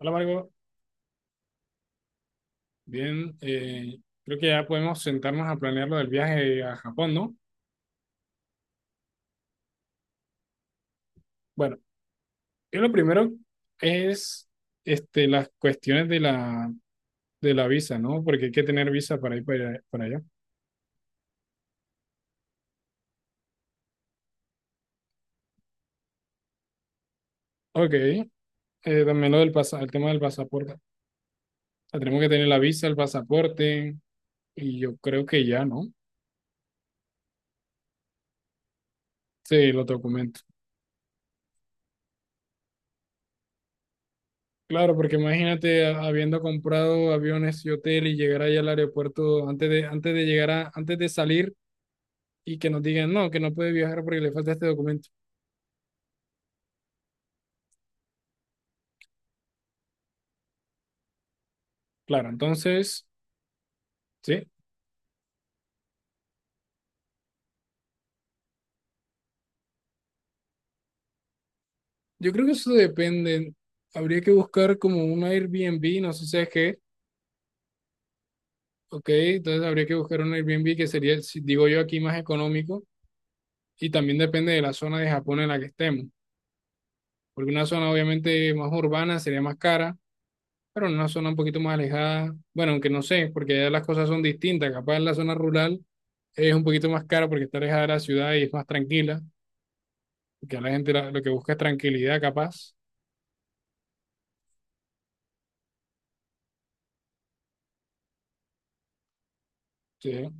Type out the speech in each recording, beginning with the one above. Hola, Margot. Bien, creo que ya podemos sentarnos a planear lo del viaje a Japón, ¿no? Bueno, yo lo primero es este, las cuestiones de la visa, ¿no? Porque hay que tener visa para ir para allá. Ok, también lo del el tema del pasaporte. O sea, tenemos que tener la visa, el pasaporte y yo creo que ya, ¿no? Sí, los documentos. Claro, porque imagínate habiendo comprado aviones y hotel y llegar allá al aeropuerto antes de llegar a, antes de salir y que nos digan, no, que no puede viajar porque le falta este documento. Claro, entonces, sí, yo creo que eso depende. Habría que buscar como un Airbnb, no sé si es que, ok, entonces habría que buscar un Airbnb que sería, digo yo, aquí más económico y también depende de la zona de Japón en la que estemos, porque una zona obviamente más urbana sería más cara, pero en una zona un poquito más alejada, bueno, aunque no sé, porque allá las cosas son distintas, capaz en la zona rural es un poquito más cara porque está alejada de la ciudad y es más tranquila, porque a la gente lo que busca es tranquilidad capaz. Sí. O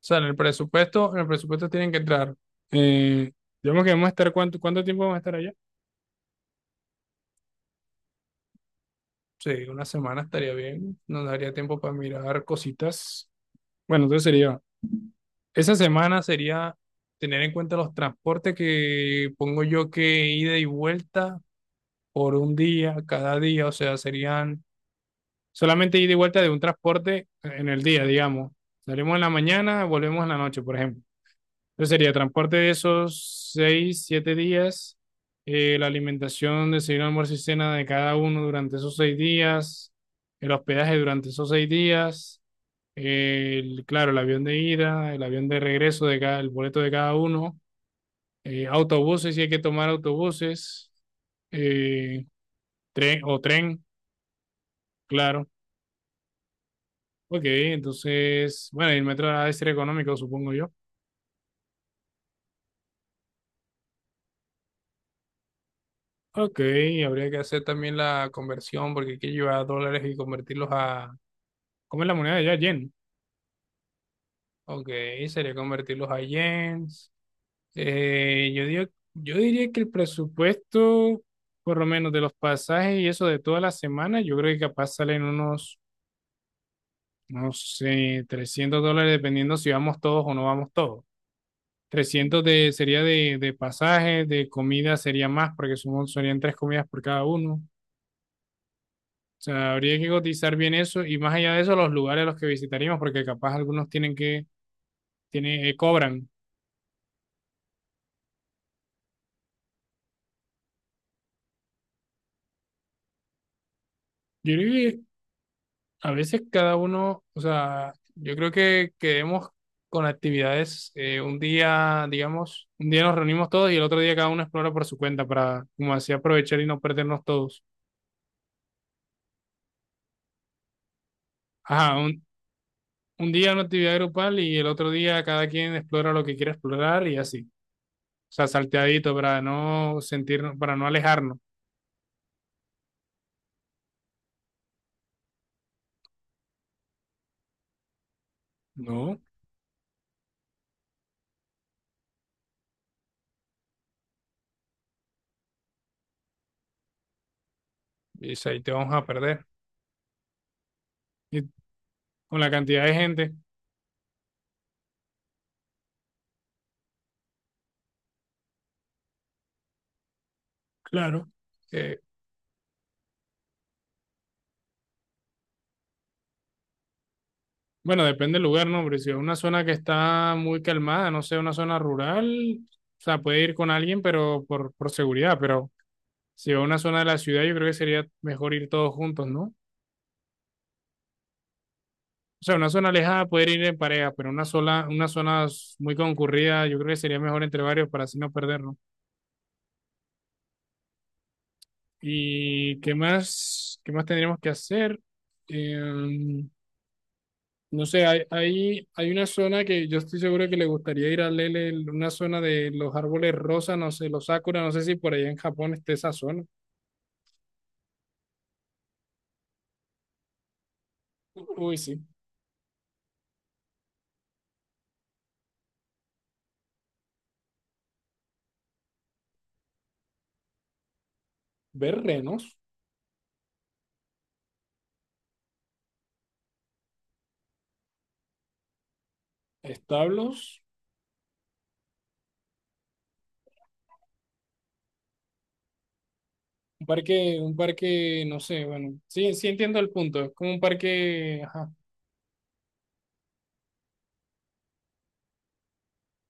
sea, en el presupuesto tienen que entrar. Eh, digamos que vamos a estar, ¿cuánto tiempo vamos a estar allá? Sí, una semana estaría bien. Nos daría tiempo para mirar cositas. Bueno, entonces esa semana sería tener en cuenta los transportes que pongo yo que ida y vuelta por un día, cada día. O sea, serían solamente ida y vuelta de un transporte en el día, digamos. Salimos en la mañana, volvemos en la noche, por ejemplo. Entonces sería transporte de esos 6, 7 días, la alimentación, desayuno, almuerzo y cena de cada uno durante esos 6 días, el hospedaje durante esos 6 días, el, claro, el avión de ida, el avión de regreso de cada, el boleto de cada uno, autobuses, si hay que tomar autobuses, eh, tren o tren, claro. Ok, entonces, bueno, y el metro ha de ser económico, supongo yo. Ok, habría que hacer también la conversión porque hay que llevar dólares y convertirlos a. ¿Cómo es la moneda de allá? Yen. Ok, sería convertirlos a yens. Eh, yo digo, yo diría que el presupuesto, por lo menos de los pasajes y eso de toda la semana, yo creo que capaz salen unos, no sé, 300 dólares dependiendo si vamos todos o no vamos todos. 300 sería de pasajes, de comida sería más porque somos, serían tres comidas por cada uno. O sea, habría que cotizar bien eso y más allá de eso, los lugares a los que visitaríamos, porque capaz algunos cobran. Yo creo que a veces cada uno, o sea, yo creo que quedemos con actividades, un día, digamos, un día nos reunimos todos y el otro día cada uno explora por su cuenta para, como así, aprovechar y no perdernos todos. Ajá, un día una actividad grupal y el otro día cada quien explora lo que quiere explorar y así. O sea, salteadito para no sentirnos, para no alejarnos. No, y ahí te vamos a perder. Y con la cantidad de gente, claro. que, bueno, depende del lugar, ¿no? Pero si es una zona que está muy calmada, no sé, una zona rural, o sea, puede ir con alguien, pero por seguridad, pero si es una zona de la ciudad, yo creo que sería mejor ir todos juntos, ¿no? O sea, una zona alejada poder ir en pareja, pero una sola, una zona muy concurrida, yo creo que sería mejor entre varios para así no perdernos. ¿Y qué más tendríamos que hacer? Eh, No sé, hay una zona que yo estoy seguro que le gustaría ir a Lele, una zona de los árboles rosas, no sé, los sakura, no sé si por allá en Japón esté esa zona. Uy, sí. Ver renos, establos, un parque, no sé, bueno, sí, sí entiendo el punto, es como un parque, ajá,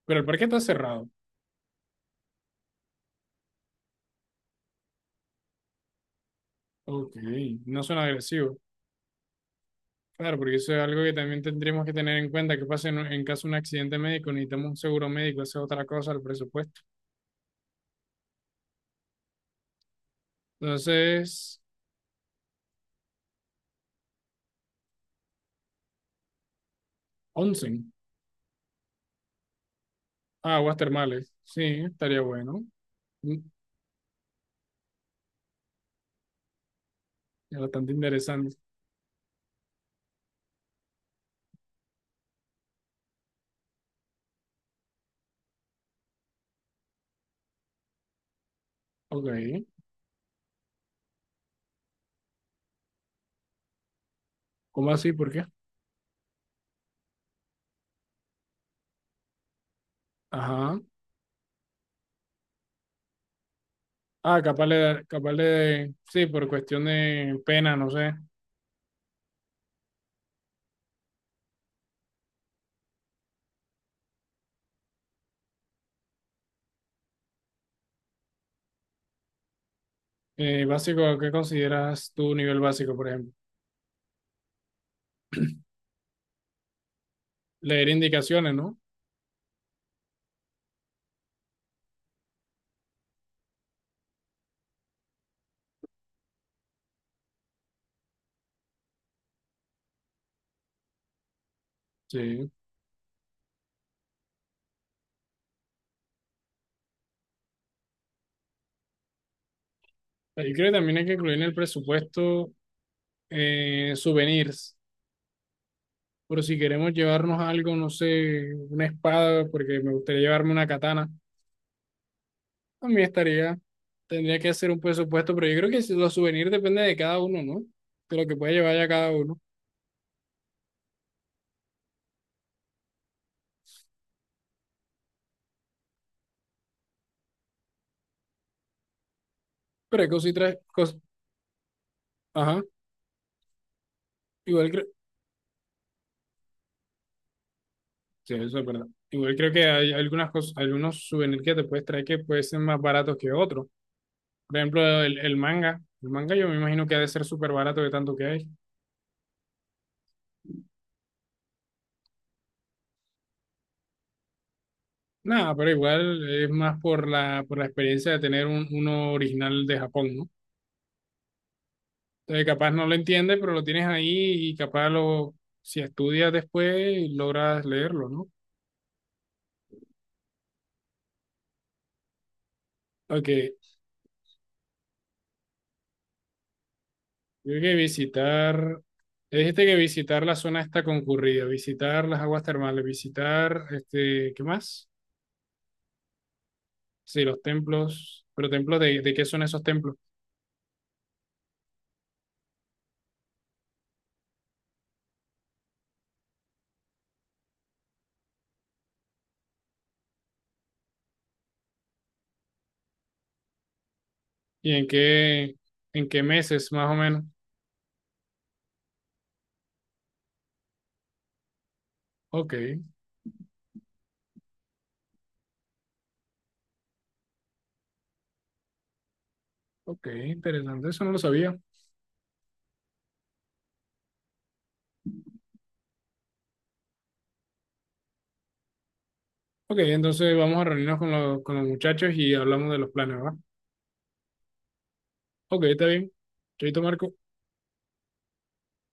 pero el parque está cerrado. Ok, no suena agresivo. Claro, porque eso es algo que también tendríamos que tener en cuenta, que pasa en caso de un accidente médico, necesitamos un seguro médico, esa es otra cosa, el presupuesto. Entonces, onsen. Ah, aguas termales. Sí, estaría bueno. Mm, Es bastante interesante. Ok. ¿Cómo así? ¿Por qué? Ajá. Ah, capaz de, sí, por cuestión de pena, no sé. Básico, ¿qué consideras tu nivel básico, por ejemplo? Leer indicaciones, ¿no? Sí. Yo creo que también hay que incluir en el presupuesto souvenirs. Por si queremos llevarnos algo, no sé, una espada, porque me gustaría llevarme una katana. A mí estaría, tendría que hacer un presupuesto, pero yo creo que si los souvenirs depende de cada uno, ¿no? De lo que puede llevar ya cada uno. Pero hay cositas, ajá, igual creo, sí, eso es verdad. Igual creo que hay algunas cosas, algunos souvenirs que te puedes traer que pueden ser más baratos que otros. Por ejemplo, el manga. El manga yo me imagino que ha de ser súper barato de tanto que hay. Nada, pero igual es más por la experiencia de tener uno original de Japón, ¿no? Entonces, capaz no lo entiendes, pero lo tienes ahí y si estudias después, logras leerlo, ¿no? Ok, creo que visitar, dijiste que visitar la zona está concurrida, visitar las aguas termales, visitar, este, ¿qué más? Sí, los templos, pero templos de qué son esos templos y en qué meses más o menos. Ok, ok, interesante, eso no lo sabía. Ok, entonces vamos a reunirnos con los muchachos y hablamos de los planes, ¿va? Ok, está bien. Chaito, Marco.